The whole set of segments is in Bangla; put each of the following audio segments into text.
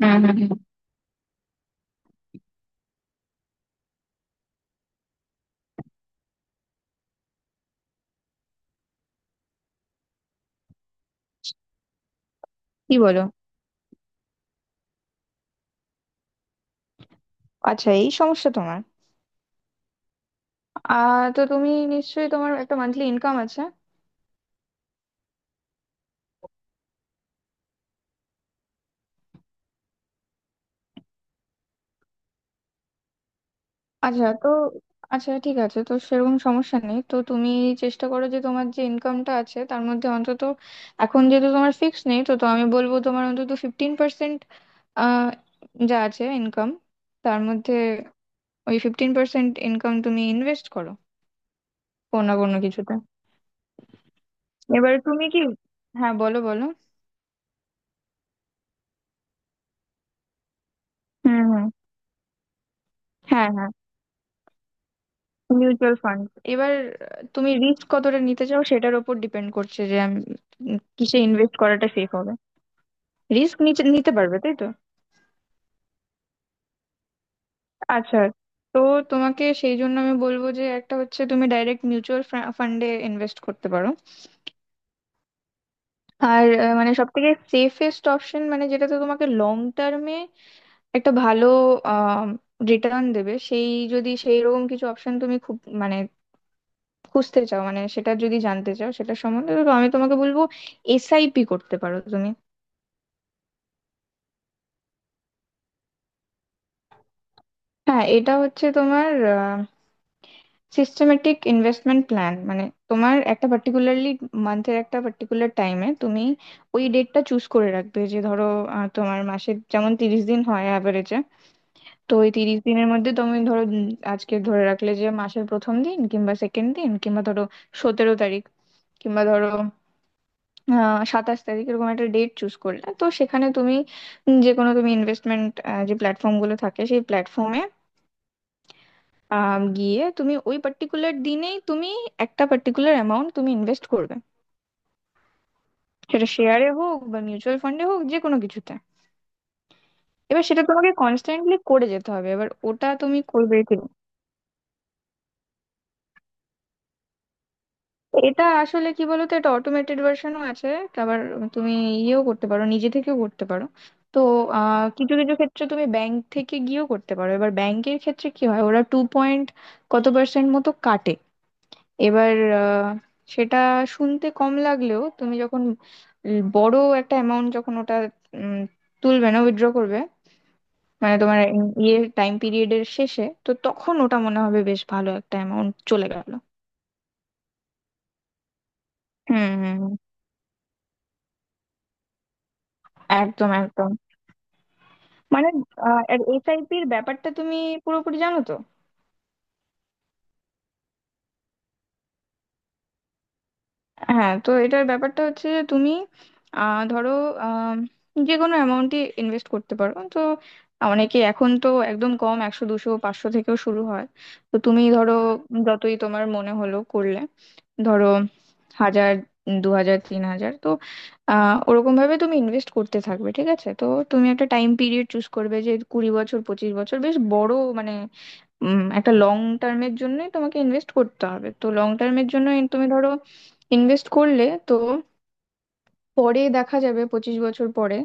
হুম হুম হুম। কি বলো? আচ্ছা, এই সমস্যা তোমার? তো তুমি নিশ্চয়ই তোমার একটা মান্থলি ইনকাম আছে? আচ্ছা, তো আচ্ছা ঠিক আছে, তো সেরকম সমস্যা নেই, তো তুমি চেষ্টা করো যে তোমার যে ইনকামটা আছে তার মধ্যে অন্তত এখন যেহেতু তোমার ফিক্স নেই, তো তো আমি বলবো তোমার অন্তত 15%, আহ যা আছে ইনকাম, তার মধ্যে ওই 15% ইনকাম তুমি ইনভেস্ট করো, কোনো না কোনো কিছুতে। এবার তুমি কি? হ্যাঁ, বলো বলো। হুম হুম। হ্যাঁ হ্যাঁ। Mutual fund. এবার তুমি রিস্ক কতটা নিতে চাও সেটার উপর ডিপেন্ড করছে যে আমি কিসে ইনভেস্ট করাটা সেফ হবে, রিস্ক নিতে পারবে, তাই তো? আচ্ছা, তো তোমাকে সেই জন্য আমি বলবো যে একটা হচ্ছে তুমি ডাইরেক্ট মিউচুয়াল ফান্ডে ইনভেস্ট করতে পারো। আর মানে সব থেকে সেফেস্ট অপশন মানে যেটাতে তোমাকে লং টার্মে একটা ভালো রিটার্ন দেবে সেই, যদি সেই রকম কিছু অপশন তুমি খুব মানে খুঁজতে চাও, মানে সেটা যদি জানতে চাও সেটা সম্বন্ধে, তো আমি তোমাকে বলবো এসআইপি করতে পারো তুমি। হ্যাঁ, এটা হচ্ছে তোমার সিস্টেমেটিক ইনভেস্টমেন্ট প্ল্যান, মানে তোমার একটা পার্টিকুলারলি মান্থের একটা পার্টিকুলার টাইমে তুমি ওই ডেটটা চুজ করে রাখবে, যে ধরো তোমার মাসের যেমন 30 দিন হয় অ্যাভারেজে, তো ওই 30 দিনের মধ্যে তুমি ধরো আজকে ধরে রাখলে যে মাসের প্রথম দিন কিংবা সেকেন্ড দিন কিংবা ধরো 17 তারিখ কিংবা ধরো 27 তারিখ, এরকম একটা ডেট চুজ করলে তো সেখানে তুমি যে কোনো তুমি ইনভেস্টমেন্ট যে প্ল্যাটফর্ম গুলো থাকে সেই প্ল্যাটফর্মে গিয়ে তুমি ওই পার্টিকুলার দিনেই তুমি একটা পার্টিকুলার অ্যামাউন্ট তুমি ইনভেস্ট করবে, সেটা শেয়ারে হোক বা মিউচুয়াল ফান্ডে হোক, যে কোনো কিছুতে। এবার সেটা তোমাকে কনস্ট্যান্টলি করে যেতে হবে, এবার ওটা তুমি করবে। এটা আসলে কি বলতো, এটা অটোমেটেড ভার্সনও আছে, আবার তুমি ইয়েও করতে পারো, নিজে থেকেও করতে পারো। তো কিছু কিছু ক্ষেত্রে তুমি ব্যাংক থেকে গিয়েও করতে পারো, এবার ব্যাংকের ক্ষেত্রে কি হয়, ওরা টু পয়েন্ট কত পার্সেন্ট মতো কাটে। এবার আহ, সেটা শুনতে কম লাগলেও তুমি যখন বড় একটা অ্যামাউন্ট যখন ওটা উম, তুলবে না উইথড্র করবে, মানে তোমার ইয়ে টাইম পিরিয়ডের শেষে, তো তখন ওটা মনে হবে বেশ ভালো একটা অ্যামাউন্ট চলে গেল। হুম হুম হুম। একদম একদম। মানে এর এসআইপি এর ব্যাপারটা তুমি পুরোপুরি জানো তো? হ্যাঁ, তো এটার ব্যাপারটা হচ্ছে যে তুমি ধরো আম, যে কোনো অ্যামাউন্টই ইনভেস্ট করতে পারো তো। অনেকে এখন তো একদম কম 100 200 500 থেকেও শুরু হয়, তো তুমি ধরো যতই তোমার মনে হলো করলে, ধরো 1,000, 2,000, 3,000, তো ওরকম ভাবে তুমি ইনভেস্ট করতে থাকবে। ঠিক আছে? তো তুমি একটা টাইম পিরিয়ড চুজ করবে যে 20 বছর, 25 বছর, বেশ বড় মানে একটা লং টার্মের জন্য তোমাকে ইনভেস্ট করতে হবে, তো লং টার্মের জন্য তুমি ধরো ইনভেস্ট করলে, তো পরে দেখা যাবে 25 বছর পরে,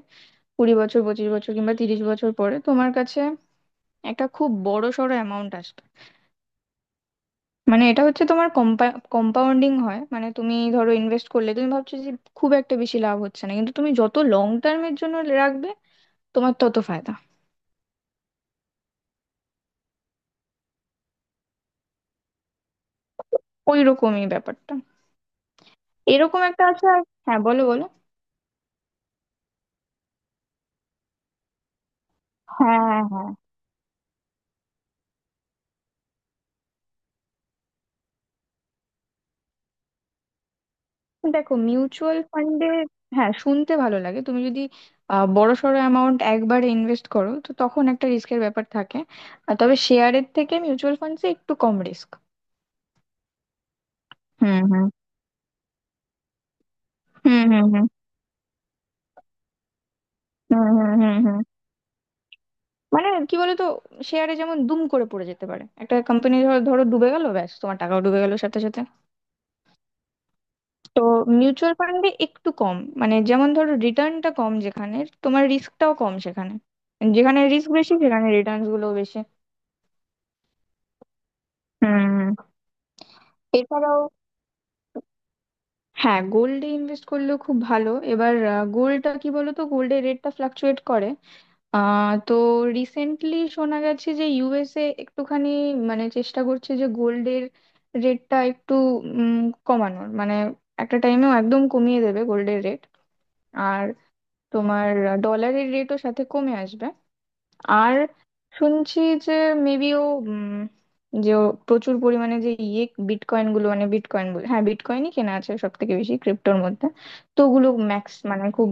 20 বছর, পঁচিশ বছর কিংবা 30 বছর পরে তোমার কাছে একটা খুব বড় সড়ো অ্যামাউন্ট আসবে। মানে এটা হচ্ছে তোমার কম্পাউন্ডিং হয়, মানে তুমি ধরো ইনভেস্ট করলে তুমি ভাবছো যে খুব একটা বেশি লাভ হচ্ছে না, কিন্তু তুমি যত লং টার্মের জন্য রাখবে তোমার তত ফায়দা। ওই রকমই ব্যাপারটা, এরকম একটা আছে হ্যাঁ, বলো বলো। হ্যাঁ হ্যাঁ। দেখো, মিউচুয়াল ফান্ডে, হ্যাঁ শুনতে ভালো লাগে, তুমি যদি বড়সড় অ্যামাউন্ট একবারে ইনভেস্ট করো, তো তখন একটা রিস্কের ব্যাপার থাকে। আর তবে শেয়ারের থেকে মিউচুয়াল ফান্ডসে একটু কম রিস্ক। হুম হুম হুম হুম হুম হুম হুম হুম হুম। মানে কি বলতো, শেয়ারে যেমন দুম করে পড়ে যেতে পারে, একটা কোম্পানি ধরো ধরো ডুবে গেল, ব্যাস তোমার টাকাও ডুবে গেল সাথে সাথে। তো মিউচুয়াল ফান্ডে একটু কম, মানে যেমন ধরো রিটার্নটা কম যেখানে, তোমার রিস্কটাও কম সেখানে। যেখানে রিস্ক বেশি সেখানে রিটার্নস গুলো বেশি। হুম। এছাড়াও, হ্যাঁ গোল্ডে ইনভেস্ট করলেও খুব ভালো। এবার গোল্ডটা কি বলতো, গোল্ডের রেটটা ফ্লাকচুয়েট করে। তো রিসেন্টলি শোনা গেছে যে ইউএসএ একটুখানি মানে চেষ্টা করছে যে গোল্ডের রেটটা একটু উম, কমানোর মানে একটা টাইমেও একদম কমিয়ে দেবে গোল্ডের রেট। আর তোমার ডলারের রেটও সাথে কমে আসবে। আর শুনছি যে মেবি ও উম, যে ও প্রচুর পরিমাণে যে ইয়ে বিটকয়েন গুলো, মানে বিটকয়েন বলে, হ্যাঁ বিটকয়েনই কেনা আছে সব থেকে বেশি ক্রিপ্টোর মধ্যে, তো ওগুলো ম্যাক্স মানে খুব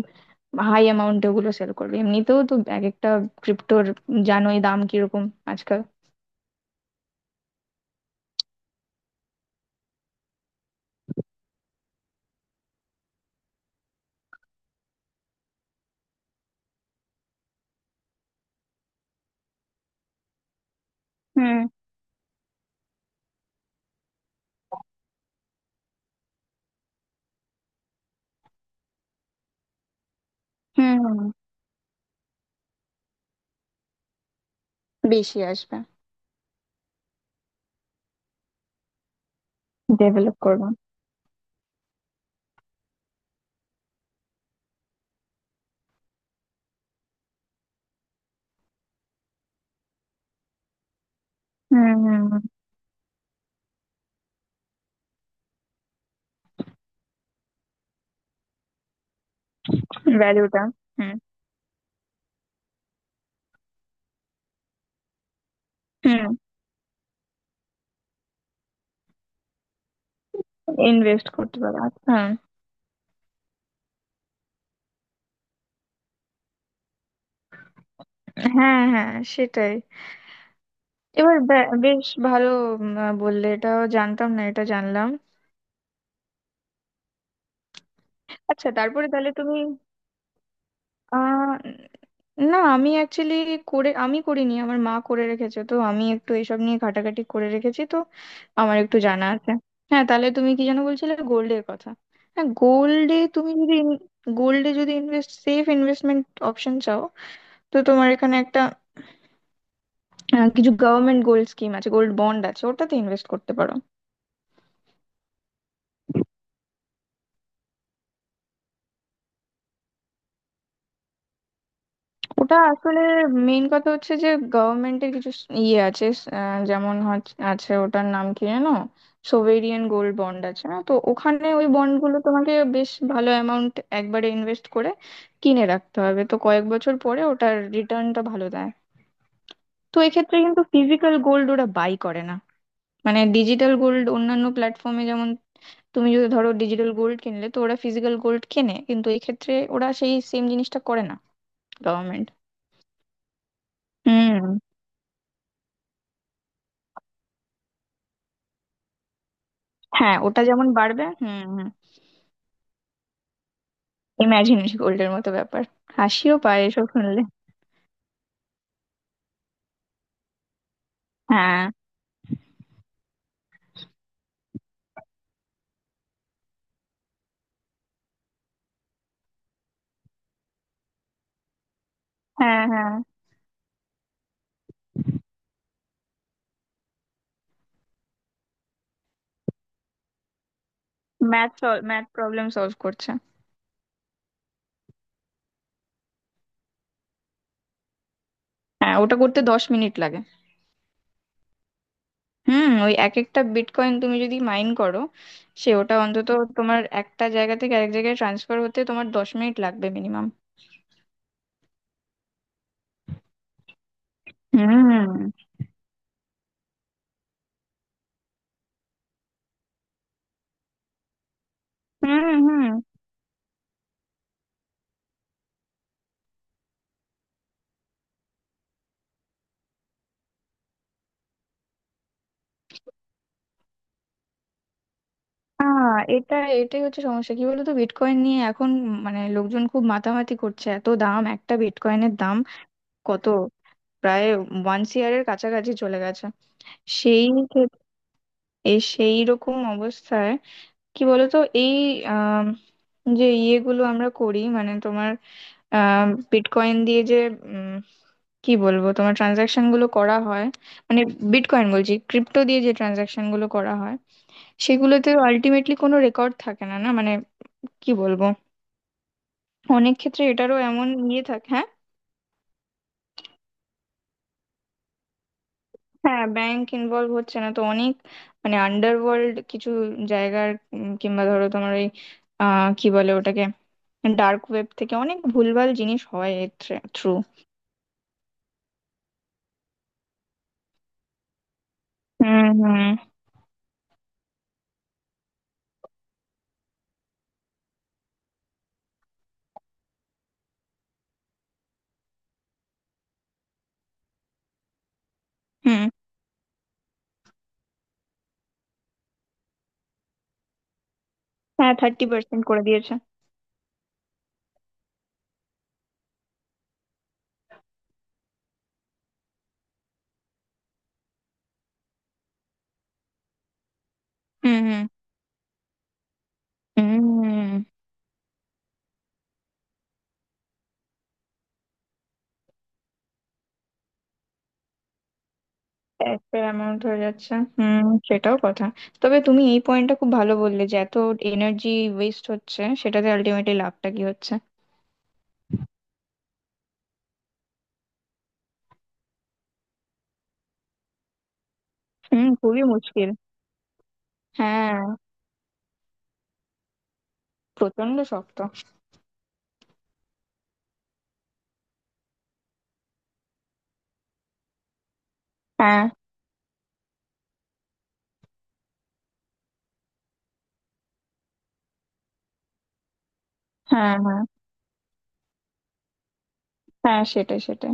হাই অ্যামাউন্টে ওগুলো সেল করবে। এমনিতেও তো এক একটা ক্রিপ্টোর জানোই দাম কিরকম আজকাল। হুম হুম হুম। বেশি আসবে। ডেভেলপ করবে। হুম হুম। ভ্যালুটা। হুম, value টা, হুম। ইনভেস্ট করতে পারবে। হ্যাঁ হ্যাঁ। হ্যাঁ, সেটাই। এবার বেশ ভালো, বললে এটাও জানতাম না, এটা জানলাম। আচ্ছা, তারপরে তাহলে তুমি আহ না, আমি অ্যাকচুয়ালি করে আমি করিনি, আমার মা করে রেখেছে, তো আমি একটু এসব নিয়ে ঘাটাঘাটি করে রেখেছি, তো আমার একটু জানা আছে। হ্যাঁ, তাহলে তুমি কি যেন বলছিলে, গোল্ডের কথা? হ্যাঁ, গোল্ডে তুমি যদি গোল্ডে যদি ইনভেস্ট সেফ ইনভেস্টমেন্ট অপশন চাও, তো তোমার এখানে একটা কিছু গভর্নমেন্ট গোল্ড স্কিম আছে, গোল্ড বন্ড আছে, ওটাতে ইনভেস্ট করতে পারো। ওটা আসলে মেইন কথা হচ্ছে যে গভর্নমেন্টের কিছু ইয়ে আছে, যেমন আছে, ওটার নাম কি জানো, সোভেরিয়ান গোল্ড বন্ড আছে না, তো ওখানে ওই বন্ডগুলো তোমাকে বেশ ভালো অ্যামাউন্ট একবারে ইনভেস্ট করে কিনে রাখতে হবে, তো কয়েক বছর পরে ওটার রিটার্নটা ভালো দেয়। তো এক্ষেত্রে কিন্তু ফিজিক্যাল গোল্ড ওরা বাই করে না, মানে ডিজিটাল গোল্ড অন্যান্য প্ল্যাটফর্মে যেমন তুমি যদি ধরো ডিজিটাল গোল্ড কিনলে তো ওরা ফিজিক্যাল গোল্ড কেনে, কিন্তু এক্ষেত্রে ওরা সেই সেম জিনিসটা করে না গভর্নমেন্ট। হুম। হ্যাঁ, ওটা যেমন বাড়বে। হুম হুম। ইমাজিন গোল্ডের মতো ব্যাপার। হাসিও পায় এসব শুনলে। হ্যাঁ হ্যাঁ। হ্যাঁ। ম্যাথ, ম্যাথ প্রবলেম সলভ করছে। হ্যাঁ, ওটা করতে 10 মিনিট লাগে। হুম, ওই এক একটা বিটকয়েন তুমি যদি মাইন করো, সে ওটা অন্তত তোমার একটা জায়গা থেকে আরেক জায়গায় ট্রান্সফার হতে তোমার 10 মিনিট লাগবে মিনিমাম। হুম হুম হুম। এটা, এটাই হচ্ছে সমস্যা কি বলতো বিটকয়েন নিয়ে এখন, মানে লোকজন খুব মাতামাতি করছে, এত দাম, একটা বিটকয়েনের দাম কত, প্রায় ওয়ান ইয়ারের কাছাকাছি চলে গেছে। সেই ক্ষেত- এই সেই রকম অবস্থায় কি বলতো, এই আম, যে ইয়েগুলো আমরা করি, মানে তোমার বিটকয়েন দিয়ে যে উম, কি বলবো, তোমার ট্রানজাকশন গুলো করা হয়, মানে বিটকয়েন বলছি, ক্রিপ্টো দিয়ে যে ট্রানজাকশন গুলো করা হয় সেগুলোতে আলটিমেটলি কোনো রেকর্ড থাকে না, না মানে কি বলবো, অনেক ক্ষেত্রে এটারও এমন ইয়ে থাকে, হ্যাঁ? হ্যাঁ, ব্যাংক ইনভলভ হচ্ছে না তো অনেক মানে আন্ডারওয়ার্ল্ড কিছু জায়গার, কিংবা ধরো তোমার ওই কি বলে ওটাকে, ডার্ক ওয়েব থেকে অনেক ভুলভাল জিনিস হয় এর থ্রু। হুম হুম হুম। হ্যাঁ, 30% করে দিয়েছে। হুম হুম হুম। একটা অ্যামাউন্ট হয়ে যাচ্ছে। হুম, সেটাও কথা। তবে তুমি এই পয়েন্টটা খুব ভালো বললে, যে এত এনার্জি ওয়েস্ট হচ্ছে, সেটাতে আলটিমেটলি লাভটা কি হচ্ছে। হুম, খুবই মুশকিল। হ্যাঁ, প্রচন্ড শক্ত। হ্যাঁ হ্যাঁ হ্যাঁ। হ্যাঁ, সেটাই সেটাই।